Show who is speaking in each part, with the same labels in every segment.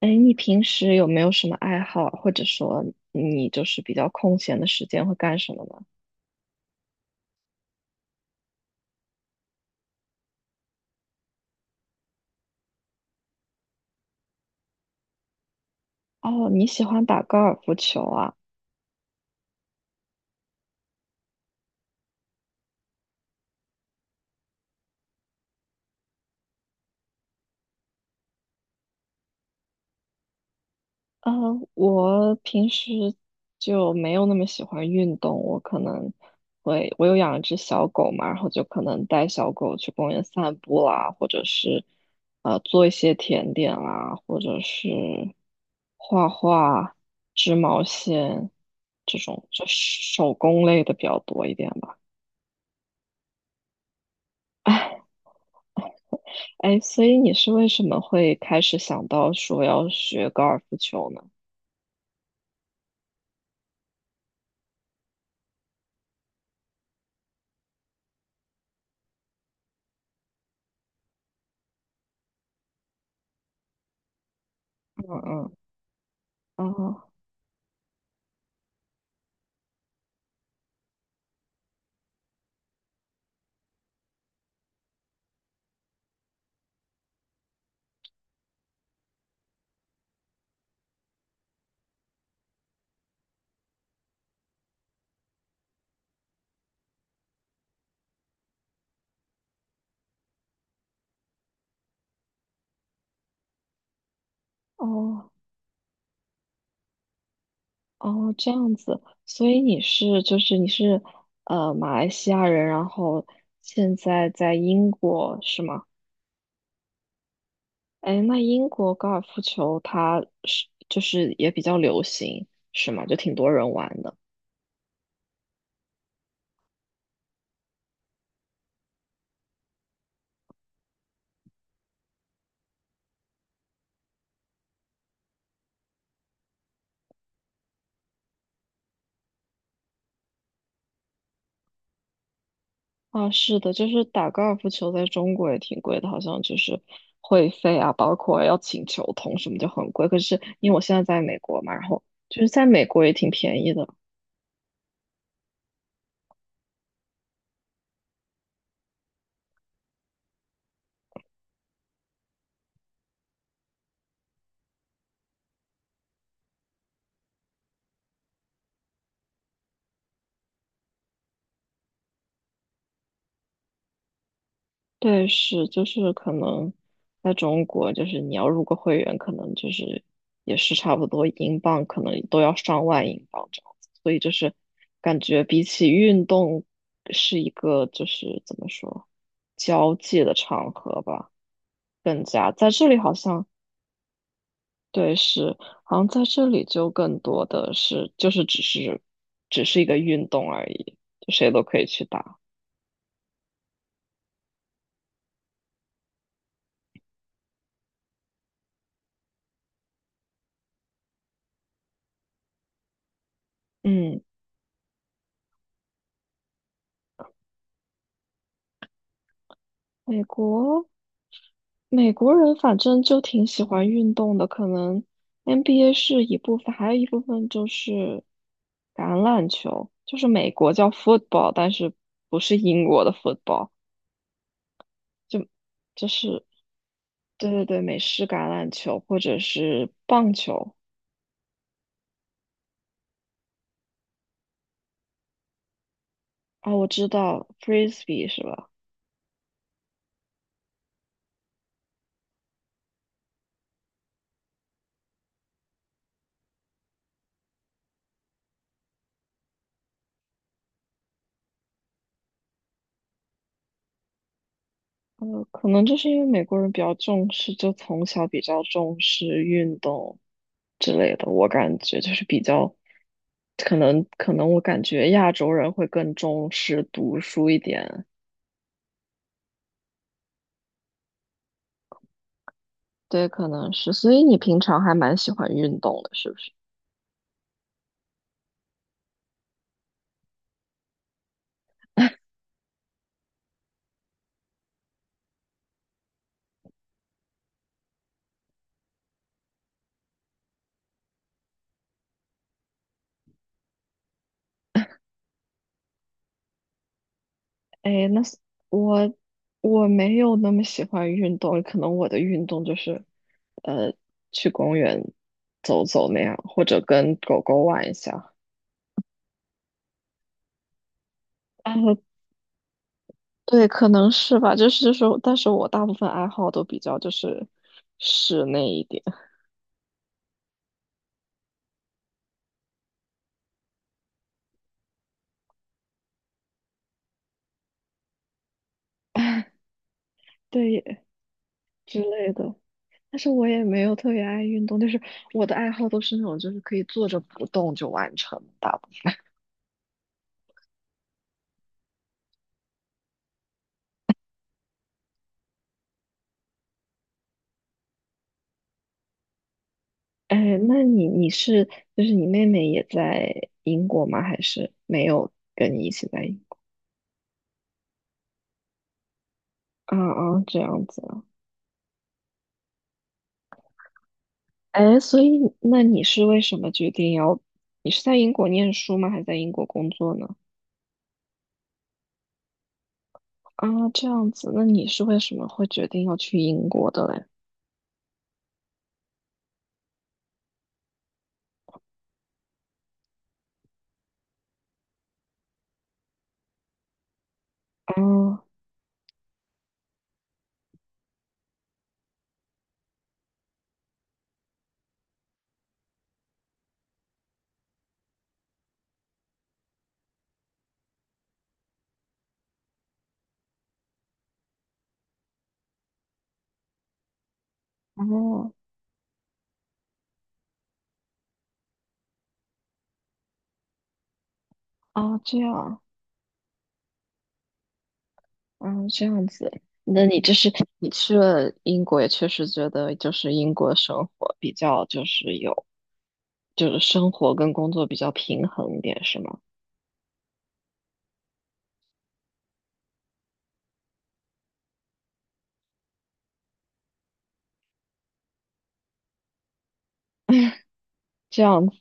Speaker 1: 哎，你平时有没有什么爱好，或者说你就是比较空闲的时间会干什么呢？哦，你喜欢打高尔夫球啊？呃，我平时就没有那么喜欢运动，我可能会，我有养一只小狗嘛，然后就可能带小狗去公园散步啦，或者是做一些甜点啦，或者是画画、织毛线这种，就手工类的比较多一点吧。哎，所以你是为什么会开始想到说要学高尔夫球呢？嗯嗯，哦哦哦，这样子，所以你是马来西亚人，然后现在在英国是吗？哎，那英国高尔夫球它是就是也比较流行是吗？就挺多人玩的。啊，是的，就是打高尔夫球在中国也挺贵的，好像就是会费啊，包括要请球童什么就很贵。可是因为我现在在美国嘛，然后就是在美国也挺便宜的。对，是，就是可能在中国，就是你要入个会员，可能就是也是差不多英镑，可能都要上万英镑这样子。所以就是感觉比起运动是一个就是怎么说交际的场合吧。更加在这里好像对，是，好像在这里就更多的是，就是只是一个运动而已，就谁都可以去打。嗯，美国美国人反正就挺喜欢运动的，可能 NBA 是一部分，还有一部分就是橄榄球，就是美国叫 football，但是不是英国的 football，就就是对对对，美式橄榄球或者是棒球啊，我知道 frisbee 是吧？可能就是因为美国人比较重视，就从小比较重视运动之类的。我感觉就是比较，可能我感觉亚洲人会更重视读书一点。对，可能是。所以你平常还蛮喜欢运动的，是不是？哎，那是我我没有那么喜欢运动，可能我的运动就是，呃，去公园走走那样，或者跟狗狗玩一下。啊，对，可能是吧，就是但是我大部分爱好都比较就是室内一点。对耶之类的，但是我也没有特别爱运动，就是我的爱好都是那种就是可以坐着不动就完成的大部分。哎，那你就是你妹妹也在英国吗？还是没有跟你一起在英国？啊啊，这样子啊。哎，所以那你是为什么决定要？你是在英国念书吗？还是在英国工作呢？啊，这样子，那你是为什么会决定要去英国的嘞？哦，哦，哦，这样，嗯，这样子，那你就是你去了英国，也确实觉得就是英国生活比较就是有，就是生活跟工作比较平衡一点，是吗？这样子，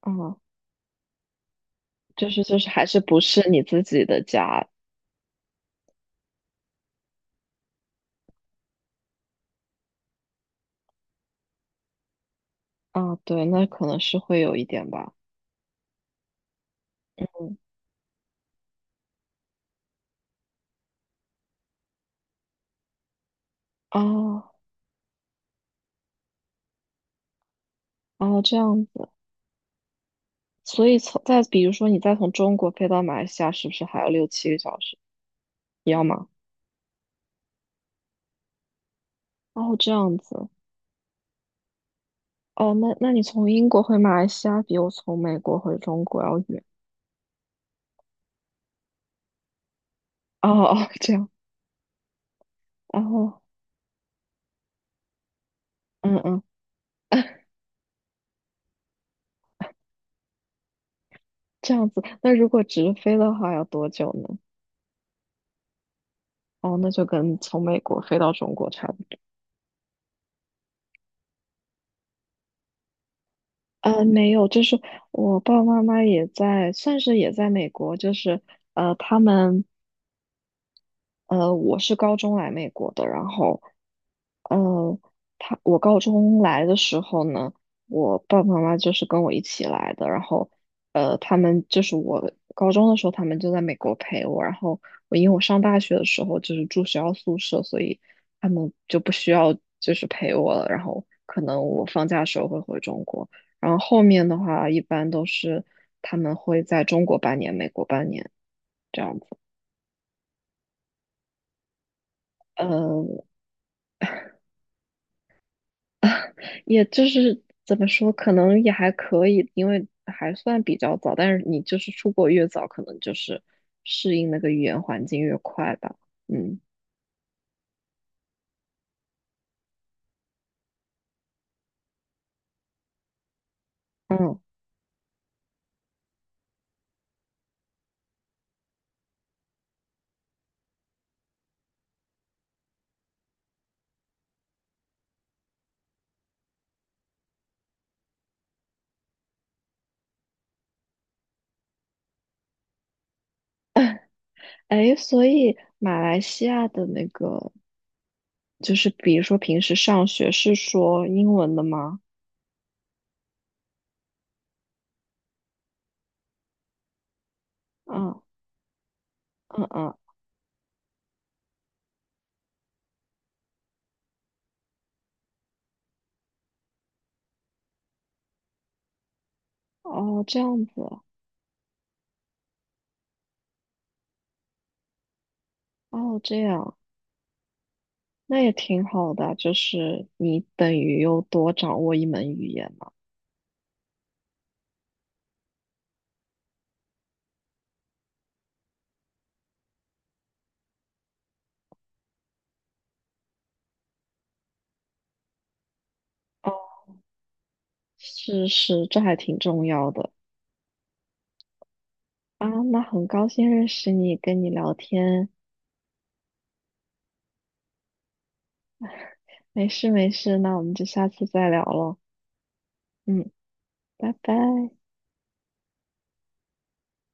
Speaker 1: 啊，就是还是不是你自己的家啊？对，那可能是会有一点吧。嗯，哦，哦，这样子。所以从再比如说你再从中国飞到马来西亚，是不是还要六七个小时？一样吗？哦，这样子。哦，那你从英国回马来西亚比我从美国回中国要远。哦哦，这样。然后，嗯嗯，这样子。那如果直飞的话要多久呢？哦，那就跟从美国飞到中国差不多。没有，就是我爸爸妈妈也在，算是也在美国，就是他们我是高中来美国的，然后呃，我高中来的时候呢，我爸爸妈妈就是跟我一起来的，然后他们就是我高中的时候，他们就在美国陪我，然后因为我上大学的时候就是住学校宿舍，所以他们就不需要就是陪我了，然后可能我放假的时候会回中国，然后后面的话一般都是他们会在中国半年，美国半年这样子，嗯。也就是怎么说，可能也还可以，因为还算比较早。但是你就是出国越早，可能就是适应那个语言环境越快吧。嗯嗯，哎，所以马来西亚的那个，就是比如说平时上学是说英文的吗？嗯嗯嗯，哦，这样子，哦，这样，那也挺好的啊，就是你等于又多掌握一门语言嘛。哦，是是，这还挺重要的。啊，那很高兴认识你，跟你聊天。没事没事，那我们就下次再聊了。嗯，拜拜。